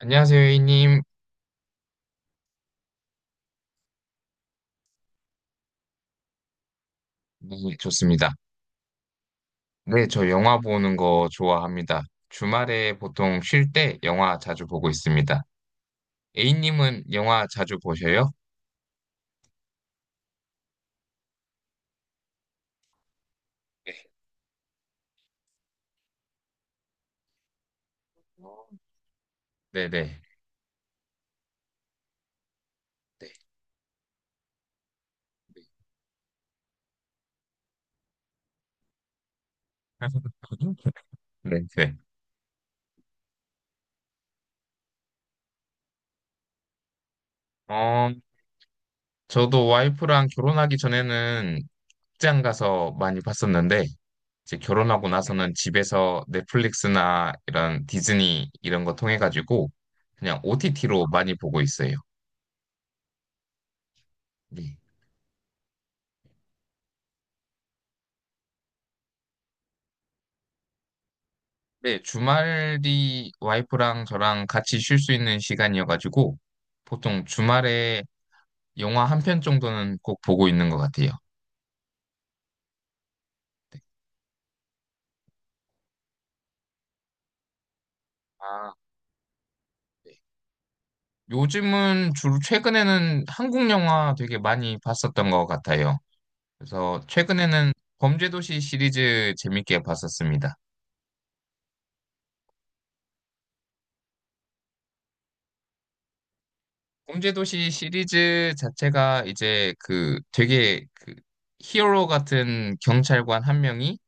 안녕하세요, A님. 네, 좋습니다. 네, 저 영화 보는 거 좋아합니다. 주말에 보통 쉴 때 영화 자주 보고 있습니다. A님은 영화 자주 보셔요? 네. 네네. 네. 네, 네. 어, 저도 와이프랑 결혼하기 전에는 극장 가서 많이 봤었는데, 이제 결혼하고 나서는 집에서 넷플릭스나 이런 디즈니 이런 거 통해가지고 그냥 OTT로 많이 보고 있어요. 네. 네, 주말 이 와이프랑 저랑 같이 쉴 수 있는 시간이어가지고 보통 주말에 영화 한 편 정도는 꼭 보고 있는 것 같아요. 아, 네. 요즘은 주로 최근에는 한국 영화 되게 많이 봤었던 것 같아요. 그래서 최근에는 범죄도시 시리즈 재밌게 봤었습니다. 범죄도시 시리즈 자체가 이제 그 되게 그 히어로 같은 경찰관 한 명이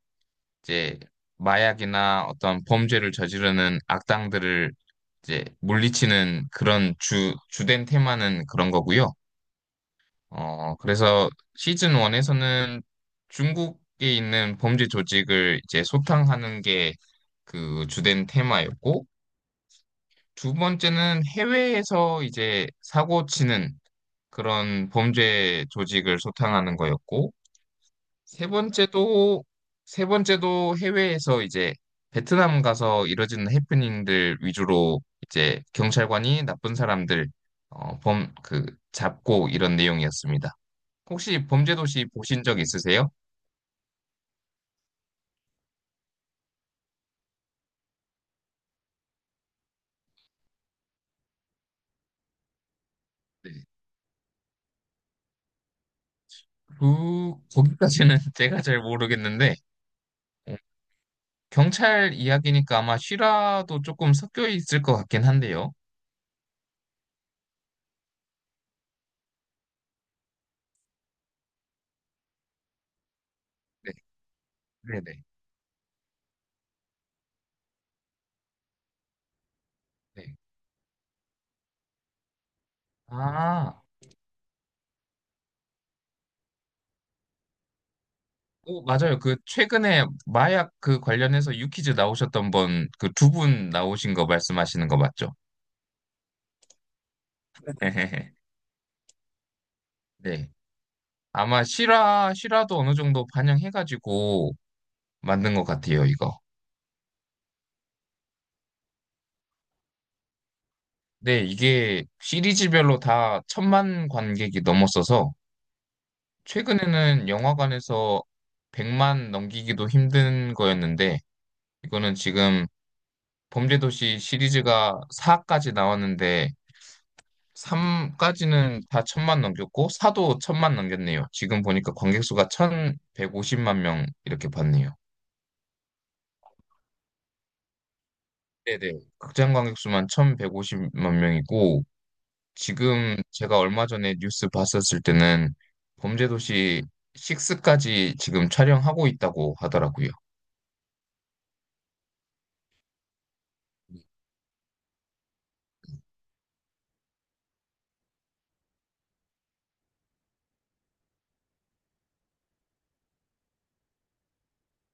이제 마약이나 어떤 범죄를 저지르는 악당들을 이제 물리치는 그런 주된 테마는 그런 거고요. 그래서 시즌 1에서는 중국에 있는 범죄 조직을 이제 소탕하는 게 그 주된 테마였고, 두 번째는 해외에서 이제 사고 치는 그런 범죄 조직을 소탕하는 거였고, 세 번째도 세 번째도 해외에서 이제 베트남 가서 이뤄지는 해프닝들 위주로 이제 경찰관이 나쁜 사람들 어, 범, 그 잡고 이런 내용이었습니다. 혹시 범죄도시 보신 적 있으세요? 네. 그 거기까지는 제가 잘 모르겠는데 어, 경찰 이야기니까 아마 실화도 조금 섞여 있을 것 같긴 한데요. 네, 네네. 네. 아. 오, 맞아요. 그 최근에 마약 그 관련해서 유퀴즈 나오셨던 분, 그 두 분 나오신 거 말씀하시는 거 맞죠? 네. 아마 실화도 어느 정도 반영해가지고 만든 것 같아요, 이거. 네, 이게 시리즈별로 다 1,000만 관객이 넘었어서 최근에는 영화관에서 100만 넘기기도 힘든 거였는데 이거는 지금 범죄도시 시리즈가 4까지 나왔는데 삼까지는다 1,000만 넘겼고, 사도 1,000만 넘겼네요. 지금 보니까 관객 수가 1,150만 명 이렇게 봤네요. 네네. 극장 관객 수만 1,150만 명이고, 지금 제가 얼마 전에 뉴스 봤었을 때는 범죄도시 6까지 지금 촬영하고 있다고 하더라고요.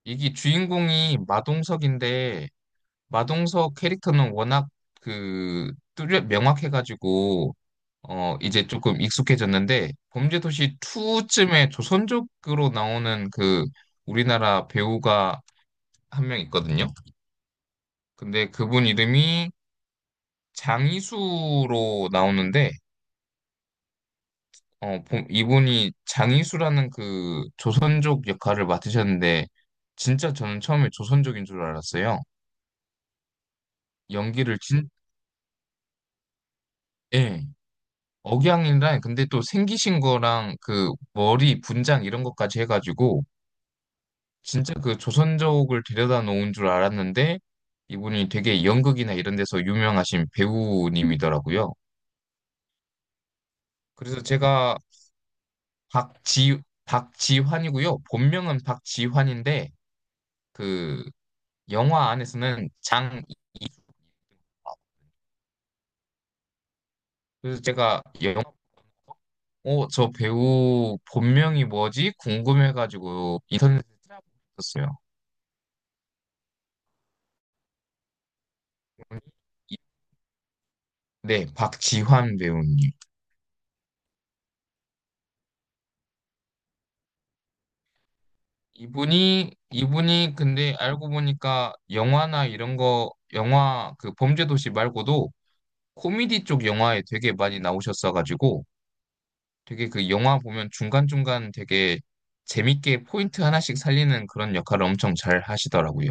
이게 주인공이 마동석인데, 마동석 캐릭터는 워낙 그 뚜렷 명확해가지고, 이제 조금 익숙해졌는데, 범죄도시 2쯤에 조선족으로 나오는 그 우리나라 배우가 한 명 있거든요. 근데 그분 이름이 장이수로 나오는데, 이분이 장이수라는 그 조선족 역할을 맡으셨는데, 진짜 저는 처음에 조선족인 줄 알았어요. 연기를 진, 예. 억양이랑, 근데 또 생기신 거랑 그 머리 분장 이런 것까지 해가지고, 진짜 그 조선족을 데려다 놓은 줄 알았는데 이분이 되게 연극이나 이런 데서 유명하신 배우님이더라고요. 그래서 제가 박지 박지환이고요. 본명은 박지환인데 그 영화 안에서는 장 그래서 제가 영화 저 배우 본명이 뭐지? 궁금해가지고 인터넷에 찾아봤었어요. 네, 박지환 배우님. 이분이 근데 알고 보니까 영화나 이런 거 영화 그 범죄도시 말고도 코미디 쪽 영화에 되게 많이 나오셨어가지고 되게 그 영화 보면 중간중간 되게 재밌게 포인트 하나씩 살리는 그런 역할을 엄청 잘 하시더라고요.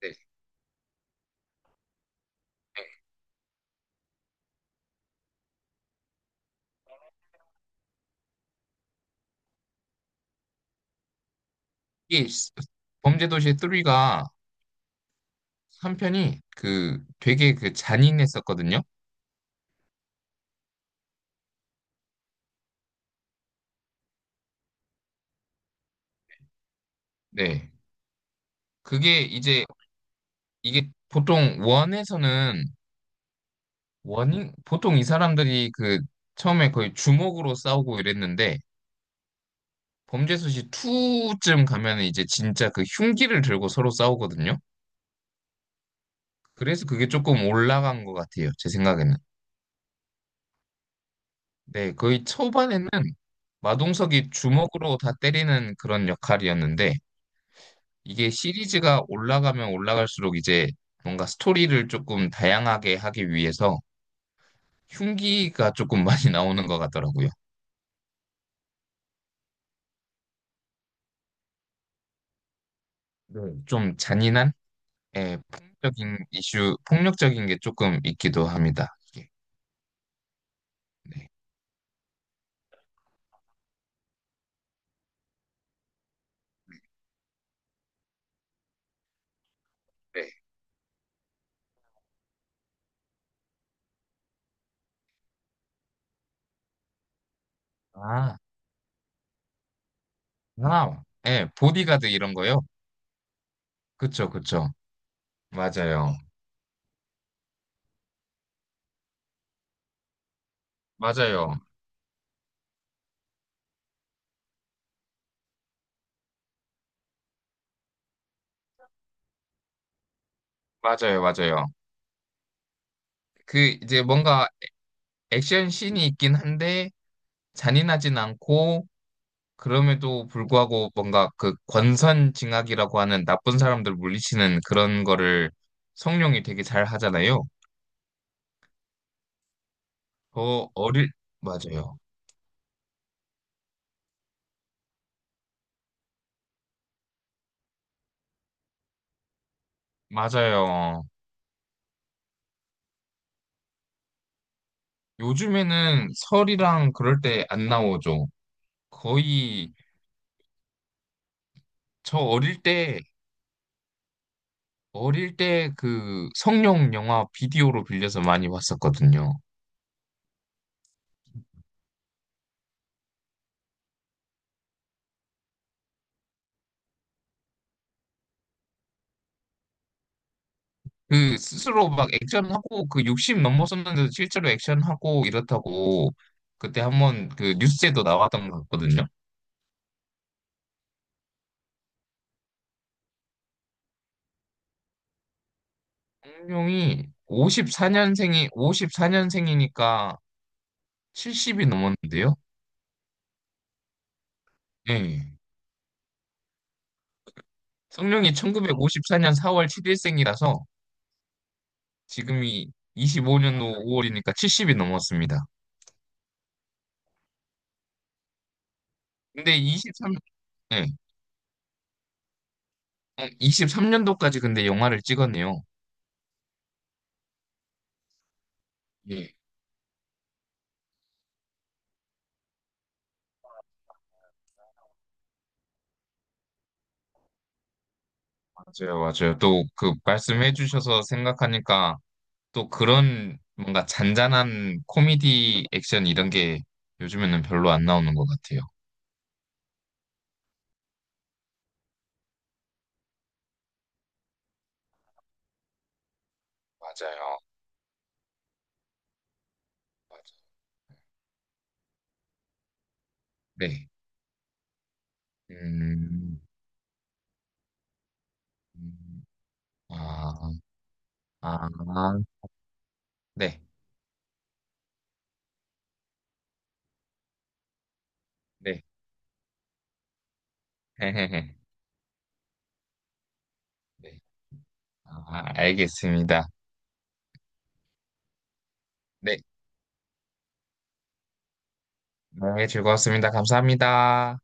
네. 이게 범죄도시 3가 한 편이 그 되게 그 잔인했었거든요. 네. 그게 이제 이게 보통 원에서는 원인 보통 이 사람들이 그 처음에 거의 주먹으로 싸우고 이랬는데 범죄수시 2쯤 가면 이제 진짜 그 흉기를 들고 서로 싸우거든요. 그래서 그게 조금 올라간 것 같아요. 제 생각에는. 네, 거의 초반에는 마동석이 주먹으로 다 때리는 그런 역할이었는데 이게 시리즈가 올라가면 올라갈수록 이제 뭔가 스토리를 조금 다양하게 하기 위해서 흉기가 조금 많이 나오는 것 같더라고요. 네. 좀 잔인한? 예, 폭력적인 게 조금 있기도 합니다. 이게. 네. 네. 아, 아, 예, 보디가드 이런 거요? 그쵸, 그쵸. 맞아요. 맞아요. 맞아요, 맞아요. 그, 이제 뭔가 액션 씬이 있긴 한데, 잔인하진 않고, 그럼에도 불구하고 뭔가 그 권선징악이라고 하는 나쁜 사람들 물리치는 그런 거를 성룡이 되게 잘 하잖아요. 더 어릴, 맞아요. 맞아요. 요즘에는 설이랑 그럴 때 안 나오죠. 거의 저 어릴 때 그 성룡 영화 비디오로 빌려서 많이 봤었거든요. 그 스스로 막 액션하고 그 60 넘었었는데도 실제로 액션하고 이렇다고 그때 한번 그 뉴스에도 나왔던 것 같거든요. 성룡이 54년생이니까 70이 넘었는데요. 예. 성룡이 1954년 4월 7일생이라서 지금이 25년도 5월이니까 70이 넘었습니다. 근데 23, 네, 13년도까지 근데 영화를 찍었네요. 예, 맞아요, 맞아요. 또 그 말씀해 주셔서 생각하니까 또 그런 뭔가 잔잔한 코미디 액션 이런 게 요즘에는 별로 안 나오는 것 같아요. 맞아요, 맞아요. 네. 음, 음, 아, 아, 네, 네. 헤헤헤. 네. 아, 알겠습니다. 네. 네, 즐거웠습니다. 감사합니다.